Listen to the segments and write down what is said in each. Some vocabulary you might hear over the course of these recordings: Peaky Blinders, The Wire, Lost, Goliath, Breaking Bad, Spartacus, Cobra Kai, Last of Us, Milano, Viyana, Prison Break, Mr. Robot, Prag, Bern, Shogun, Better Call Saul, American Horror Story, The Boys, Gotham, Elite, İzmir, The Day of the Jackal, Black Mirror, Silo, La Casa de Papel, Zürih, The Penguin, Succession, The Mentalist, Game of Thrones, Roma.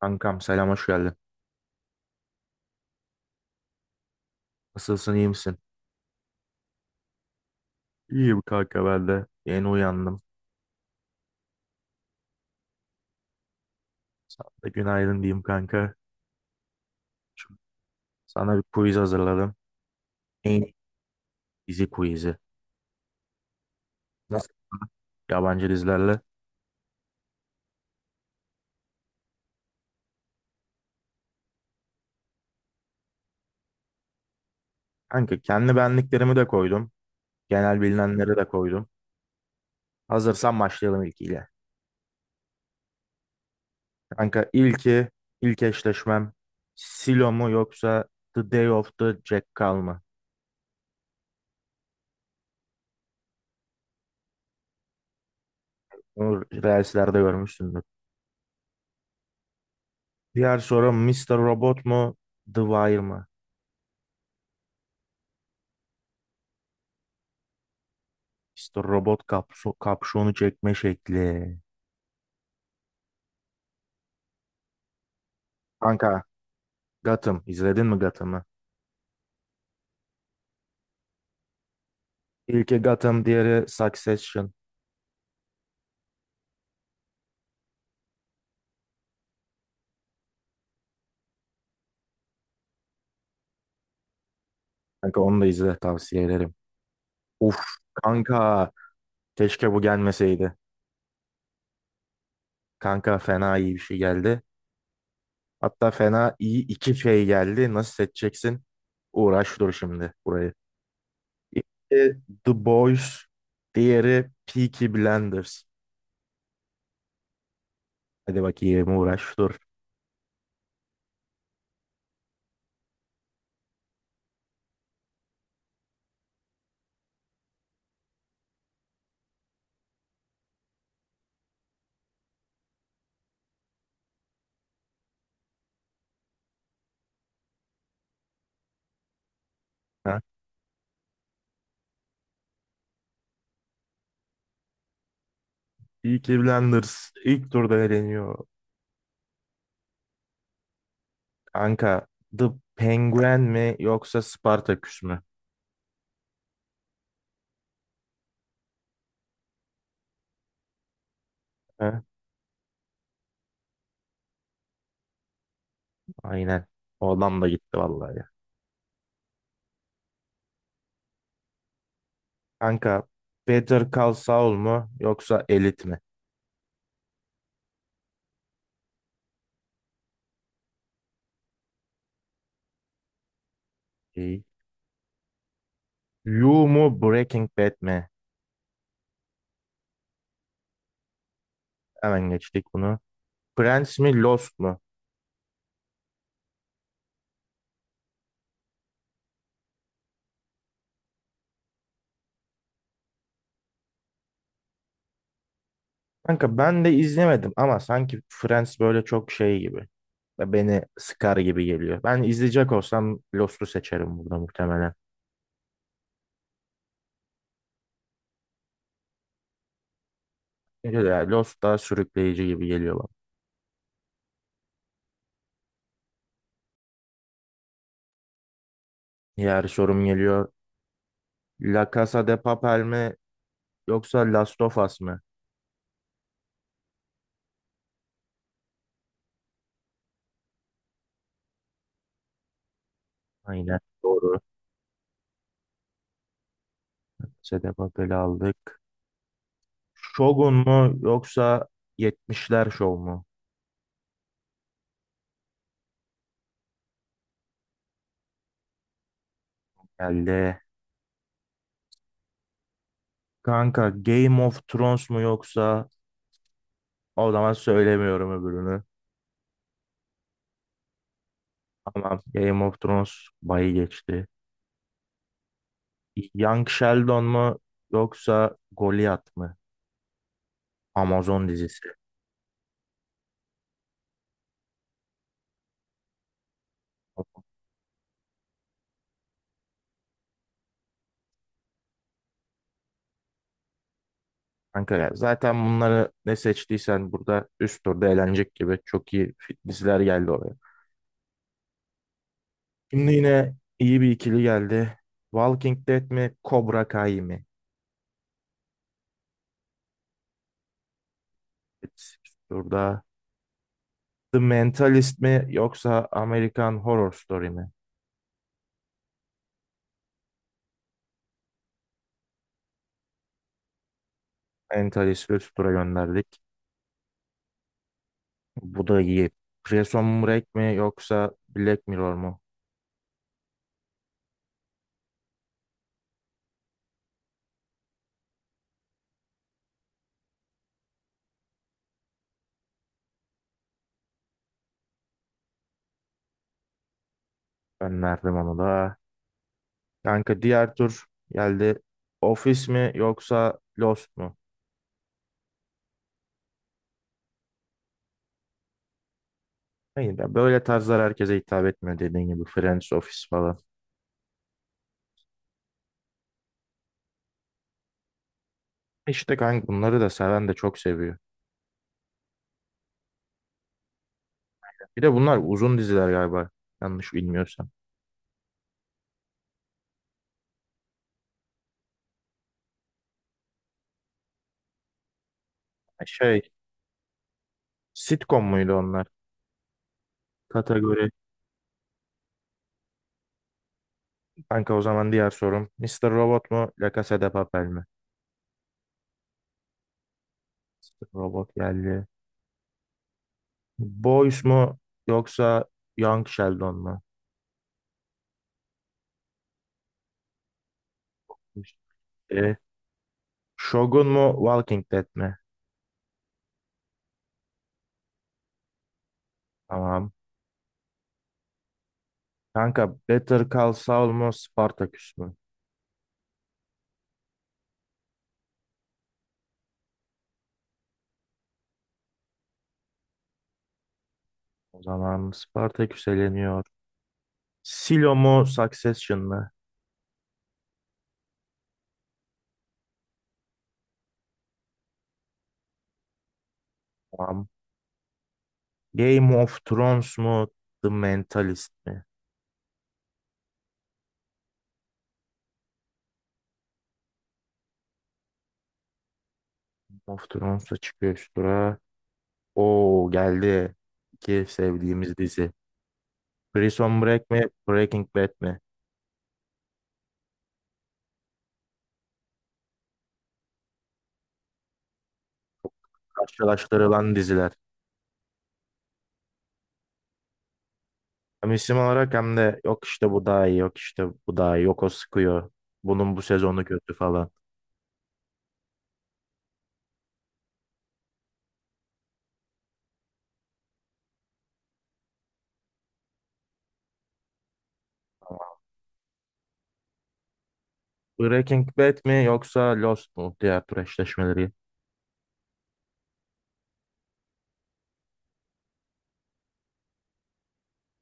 Kankam selam, hoş geldin. Nasılsın, iyi misin? İyiyim kanka, ben de. Yeni uyandım. Sana da günaydın diyeyim kanka. Şimdi sana bir quiz hazırladım. En iyi dizi quizi. Nasıl? Yabancı dizilerle. Kanka kendi benliklerimi de koydum. Genel bilinenleri de koydum. Hazırsan başlayalım ilkiyle. Kanka ilki, ilk eşleşmem Silo mu yoksa The Day of the Jackal mı? Bunu Reels'lerde görmüşsündür. Diğer soru Mr. Robot mu The Wire mı? İşte robot kapşonu çekme şekli. Kanka Gotham izledin mi Gotham'ı? İlki Gotham, diğeri Succession. Kanka onu da izle, tavsiye ederim. Uf kanka, keşke bu gelmeseydi. Kanka fena iyi bir şey geldi. Hatta fena iyi iki şey geldi. Nasıl seçeceksin? Uğraş dur şimdi burayı. İlki The Boys, diğeri Peaky Blinders. Hadi bakayım, uğraş dur. Ha? Peaky Blinders ilk turda eleniyor. Anka, The Penguin mi yoksa Spartaküs mü? He? Aynen. O adam da gitti vallahi ya. Anka, Better Call Saul mu yoksa Elite mi? İyi. You mu Breaking Bad mi? Hemen geçtik bunu. Friends mi Lost mu? Kanka ben de izlemedim ama sanki Friends böyle çok şey gibi. Ve beni sıkar gibi geliyor. Ben izleyecek olsam Lost'u seçerim burada muhtemelen. Çünkü ya Lost daha sürükleyici gibi geliyor bana. Diğer sorum geliyor. La Casa de Papel mi yoksa Last of Us mı? Aynen, doğru. Casa de Papel'i aldık. Shogun mu yoksa 70'ler Show mu? Geldi. Kanka Game of Thrones mu yoksa, o zaman söylemiyorum öbürünü. Tamam, Game of Thrones bayı geçti. Young Sheldon mu yoksa Goliath mı? Amazon dizisi. Kanka ya zaten bunları ne seçtiysen burada üst turda eğlenecek gibi çok iyi diziler geldi oraya. Şimdi yine iyi bir ikili geldi. Walking Dead mi, Cobra Kai mi? Evet. Burada The Mentalist mi yoksa American Horror Story mi? Mentalist'i üst tura gönderdik. Bu da iyi. Prison Break mi yoksa Black Mirror mu? Gönderdim onu da. Kanka diğer tur geldi. Office mi yoksa Lost mu? Hayır, ya böyle tarzlar herkese hitap etmiyor dediğin gibi. Friends, Office falan. İşte kanka bunları da seven de çok seviyor. Bir de bunlar uzun diziler galiba. Yanlış bilmiyorsam. Şey, sitcom muydu onlar? Kategori. Kanka o zaman diğer sorum. Mister Robot mu? La Casa de Papel mi? Mr. Robot geldi. Boys mu? Yoksa Young Sheldon mu? İşte, Shogun mu? Walking Dead mi? Tamam. Kanka Better Call Saul mu? Spartacus mu? O zaman Spartacus eleniyor. Silo mu? Succession mı? Tamam. Game of Thrones mu? The Mentalist mi? Of Thrones'a çıkıyor üst tura. Oo, geldi. İki sevdiğimiz dizi. Prison Break mi? Breaking Bad mi? Karşılaştırılan diziler. Hem isim olarak hem de yok işte bu daha iyi, yok işte bu daha iyi, yok o sıkıyor. Bunun bu sezonu kötü falan. Breaking Bad mi yoksa Lost mu? Diğer tur eşleşmeleri.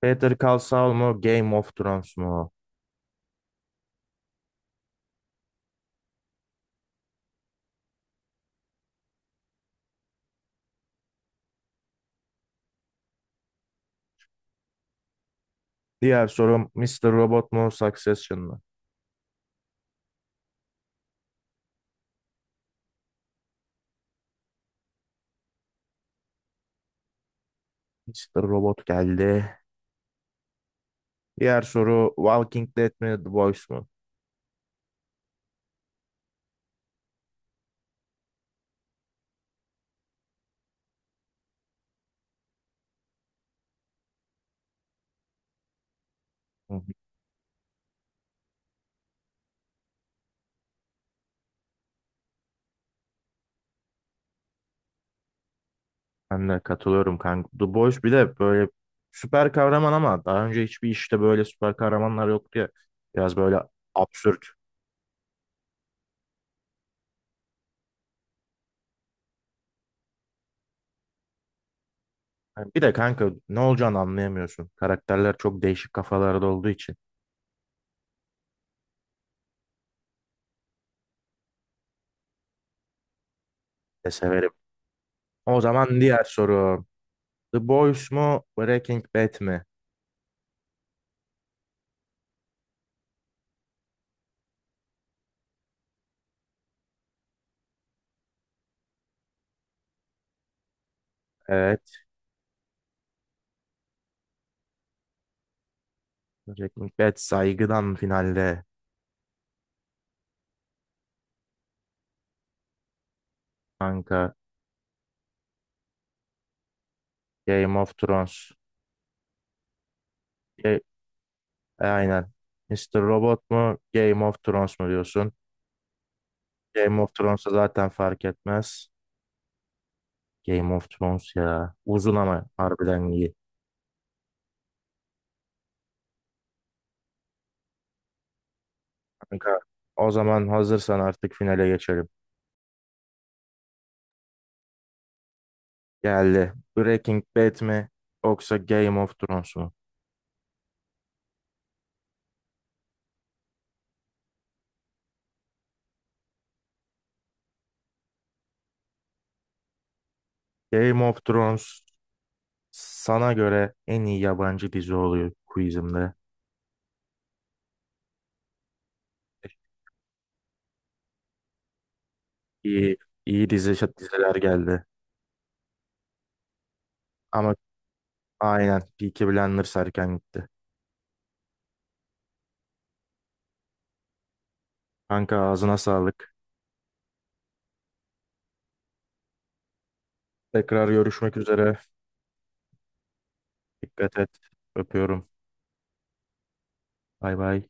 Better Call Saul mu? Game of Thrones mu? Diğer sorum Mr. Robot mu? Succession mu? Mr. Robot geldi. Diğer soru Walking Dead mi? The Boys mu? Ben de katılıyorum kanka. The Boys bir de böyle süper kahraman ama daha önce hiçbir işte böyle süper kahramanlar yoktu ya. Biraz böyle absürt. Yani bir de kanka ne olacağını anlayamıyorsun. Karakterler çok değişik kafalarda olduğu için de severim. O zaman diğer soru. The Boys mu Breaking Bad mi? Evet. Breaking Bad saygıdan finalde kanka. Game of Thrones. E, aynen. Mr. Robot mu Game of Thrones mu diyorsun? Game of Thrones'a zaten fark etmez. Game of Thrones ya. Uzun ama harbiden iyi. Kanka, o zaman hazırsan artık finale geçelim. Geldi. Breaking Bad mi yoksa Game of Thrones mu? Game of Thrones sana göre en iyi yabancı dizi oluyor quizimde. İyi, iyi dizi, diziler geldi. Ama aynen Peaky Blinders erken gitti. Kanka ağzına sağlık. Tekrar görüşmek üzere. Dikkat et. Öpüyorum. Bay bay.